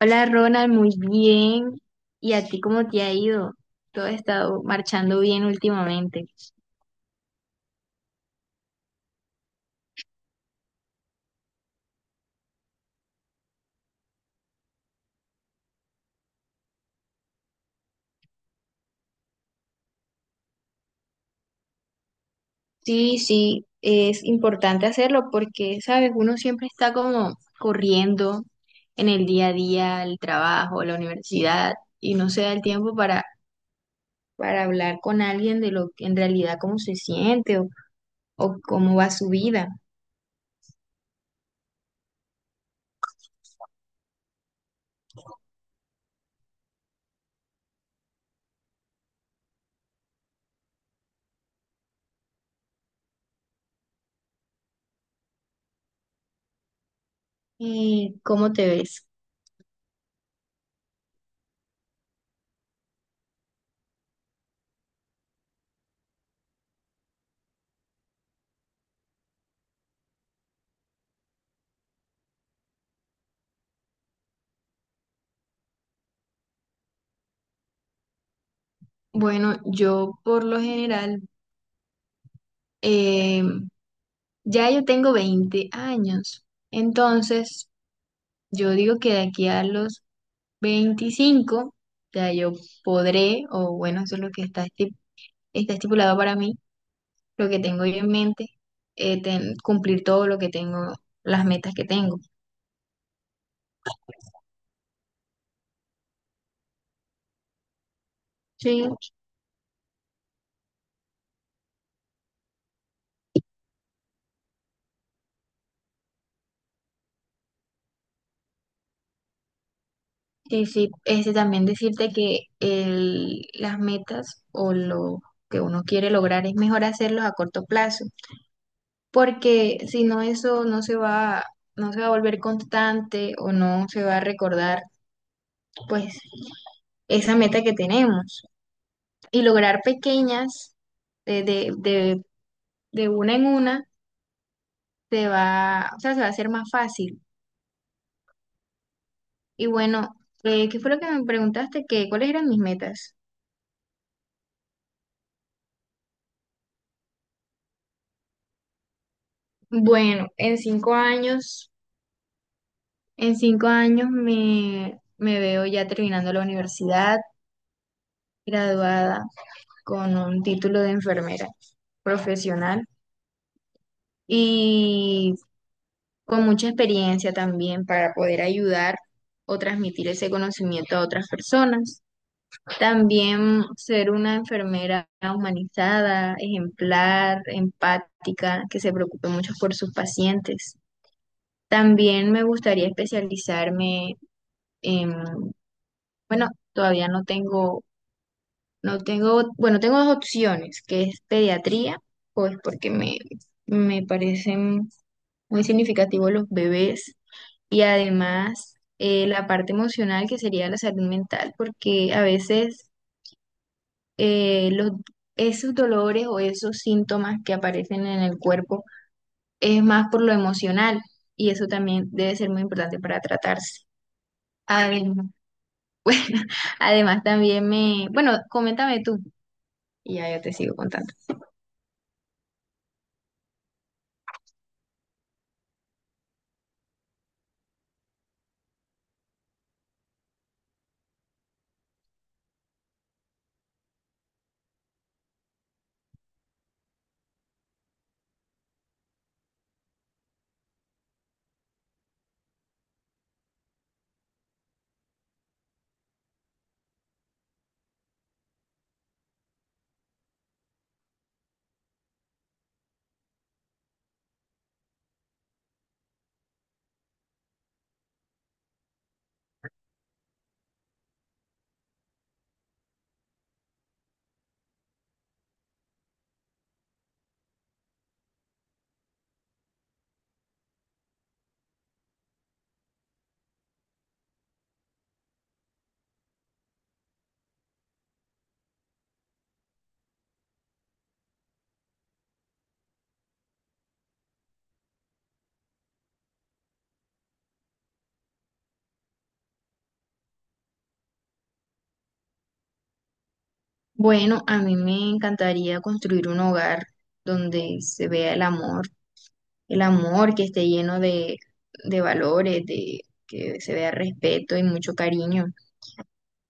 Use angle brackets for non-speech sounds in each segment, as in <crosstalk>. Hola Ronald, muy bien. ¿Y a ti cómo te ha ido? Todo ha estado marchando bien últimamente. Sí, sí, es importante hacerlo porque, sabes, uno siempre está como corriendo en el día a día, el trabajo, la universidad, y no se da el tiempo para hablar con alguien de lo que en realidad cómo se siente o cómo va su vida y cómo te ves. Bueno, yo por lo general, ya yo tengo 20 años, entonces yo digo que de aquí a los 25 ya yo podré, o bueno, eso es lo que está estipulado para mí, lo que tengo yo en mente. Cumplir todo lo que tengo, las metas que tengo. Sí, sí, sí. Este, también decirte que las metas o lo que uno quiere lograr es mejor hacerlos a corto plazo porque si no eso no se va a volver constante o no se va a recordar pues esa meta que tenemos. Y lograr pequeñas de, de, de, de una en una se va, o sea, se va a hacer más fácil. Y bueno, ¿qué fue lo que me preguntaste? ¿ cuáles eran mis metas? Bueno, en cinco años me veo ya terminando la universidad, graduada con un título de enfermera profesional y con mucha experiencia también para poder ayudar o transmitir ese conocimiento a otras personas. También ser una enfermera humanizada, ejemplar, empática, que se preocupe mucho por sus pacientes. También me gustaría especializarme en, bueno, todavía no tengo, no tengo, bueno, tengo dos opciones, que es pediatría, pues porque me parecen muy significativos los bebés y además, la parte emocional que sería la salud mental, porque a veces eh, los, esos dolores o esos síntomas que aparecen en el cuerpo es más por lo emocional y eso también debe ser muy importante para tratarse. Además, <laughs> bueno, además también me, bueno, coméntame tú y ya yo te sigo contando. Bueno, a mí me encantaría construir un hogar donde se vea el amor, que esté lleno de valores, de que se vea respeto y mucho cariño.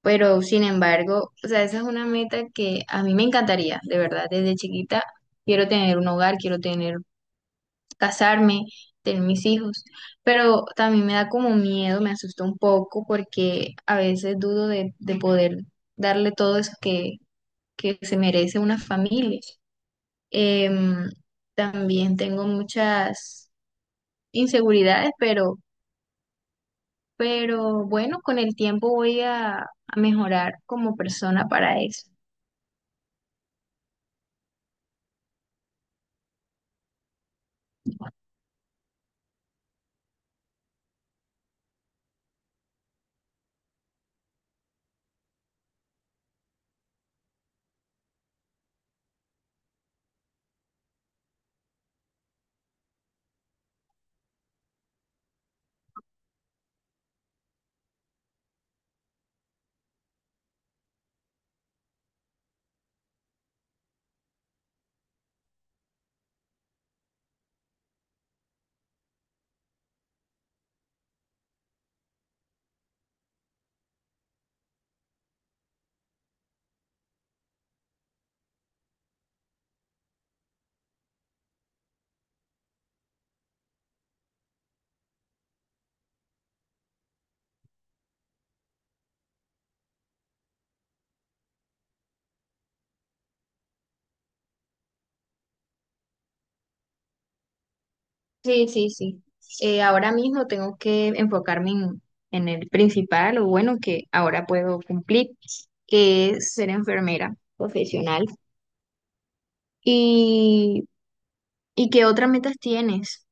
Pero sin embargo, o sea, esa es una meta que a mí me encantaría, de verdad, desde chiquita quiero tener un hogar, quiero tener, casarme, tener mis hijos, pero también me da como miedo, me asusta un poco porque a veces dudo de poder darle todo eso que se merece una familia. Em, También tengo muchas inseguridades, pero bueno, con el tiempo voy a mejorar como persona para eso. Sí, sí, sí. Ahora mismo tengo que enfocarme en el principal o bueno, que ahora puedo cumplir, que es ser enfermera profesional. ¿Y, y qué otras metas tienes?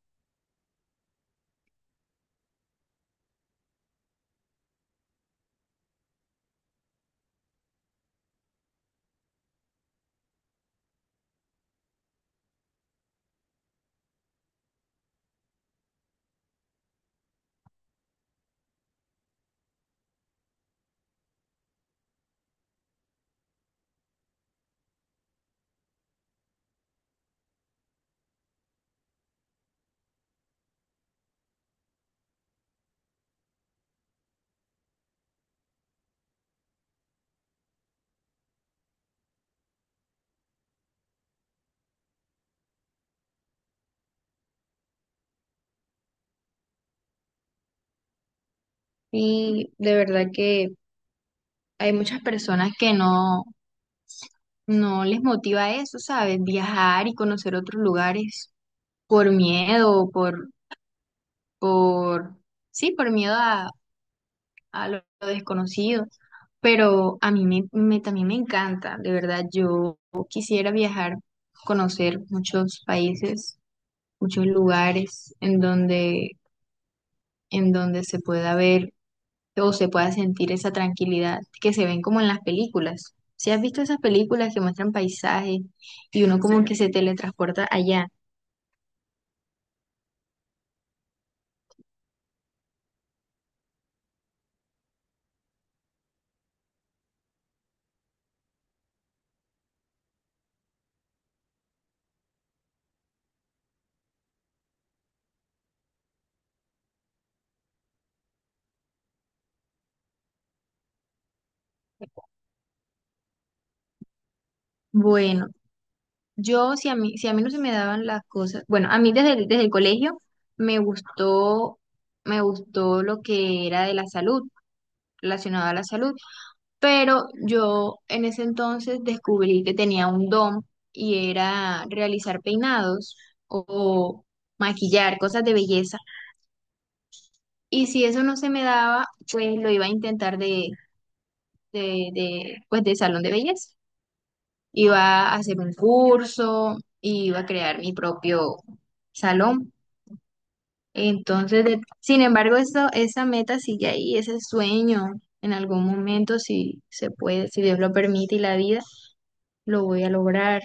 Y de verdad que hay muchas personas que no les motiva eso, ¿sabes? Viajar y conocer otros lugares por miedo, por, sí, por miedo a lo desconocido, pero a mí también me encanta, de verdad, yo quisiera viajar, conocer muchos países, muchos lugares en donde se pueda ver o se pueda sentir esa tranquilidad que se ven como en las películas. Si has visto esas películas que muestran paisajes y uno, sí, como que se teletransporta allá. Bueno. Yo, si a mí no se me daban las cosas, bueno, a mí desde el colegio me gustó, me gustó lo que era de la salud, relacionado a la salud, pero yo en ese entonces descubrí que tenía un don y era realizar peinados o maquillar, cosas de belleza. Y si eso no se me daba, pues lo iba a intentar pues de salón de belleza. Iba a hacer un curso, iba a crear mi propio salón. Entonces, sin embargo, eso, esa meta sigue ahí, ese sueño, en algún momento, si se puede, si Dios lo permite y la vida, lo voy a lograr.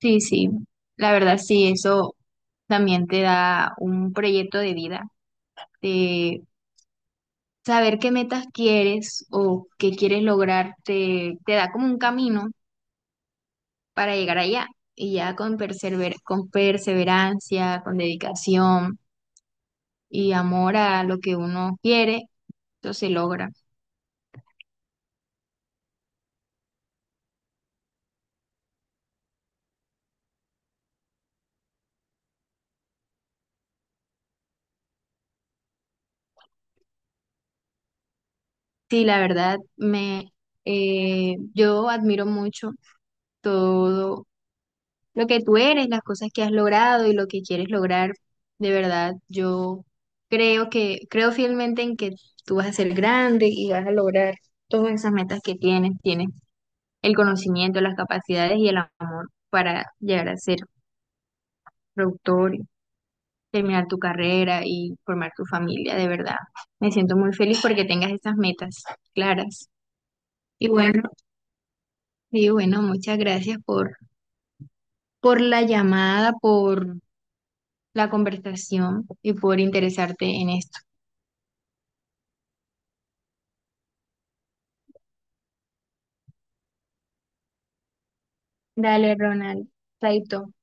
Sí, sí, la verdad sí, eso también te da un proyecto de vida, de saber qué metas quieres o qué quieres lograr, te da como un camino para llegar allá. Y ya con con perseverancia, con dedicación y amor a lo que uno quiere, eso se logra. Sí, la verdad, yo admiro mucho todo lo que tú eres, las cosas que has logrado y lo que quieres lograr. De verdad, yo creo fielmente en que tú vas a ser grande y vas a lograr todas esas metas que tienes. Tienes el conocimiento, las capacidades y el amor para llegar a ser productor, terminar tu carrera y formar tu familia. De verdad, me siento muy feliz porque tengas esas metas claras. Y bueno. Sí, bueno, muchas gracias por la llamada, por la conversación y por interesarte en esto. Dale, Ronald. Chaito.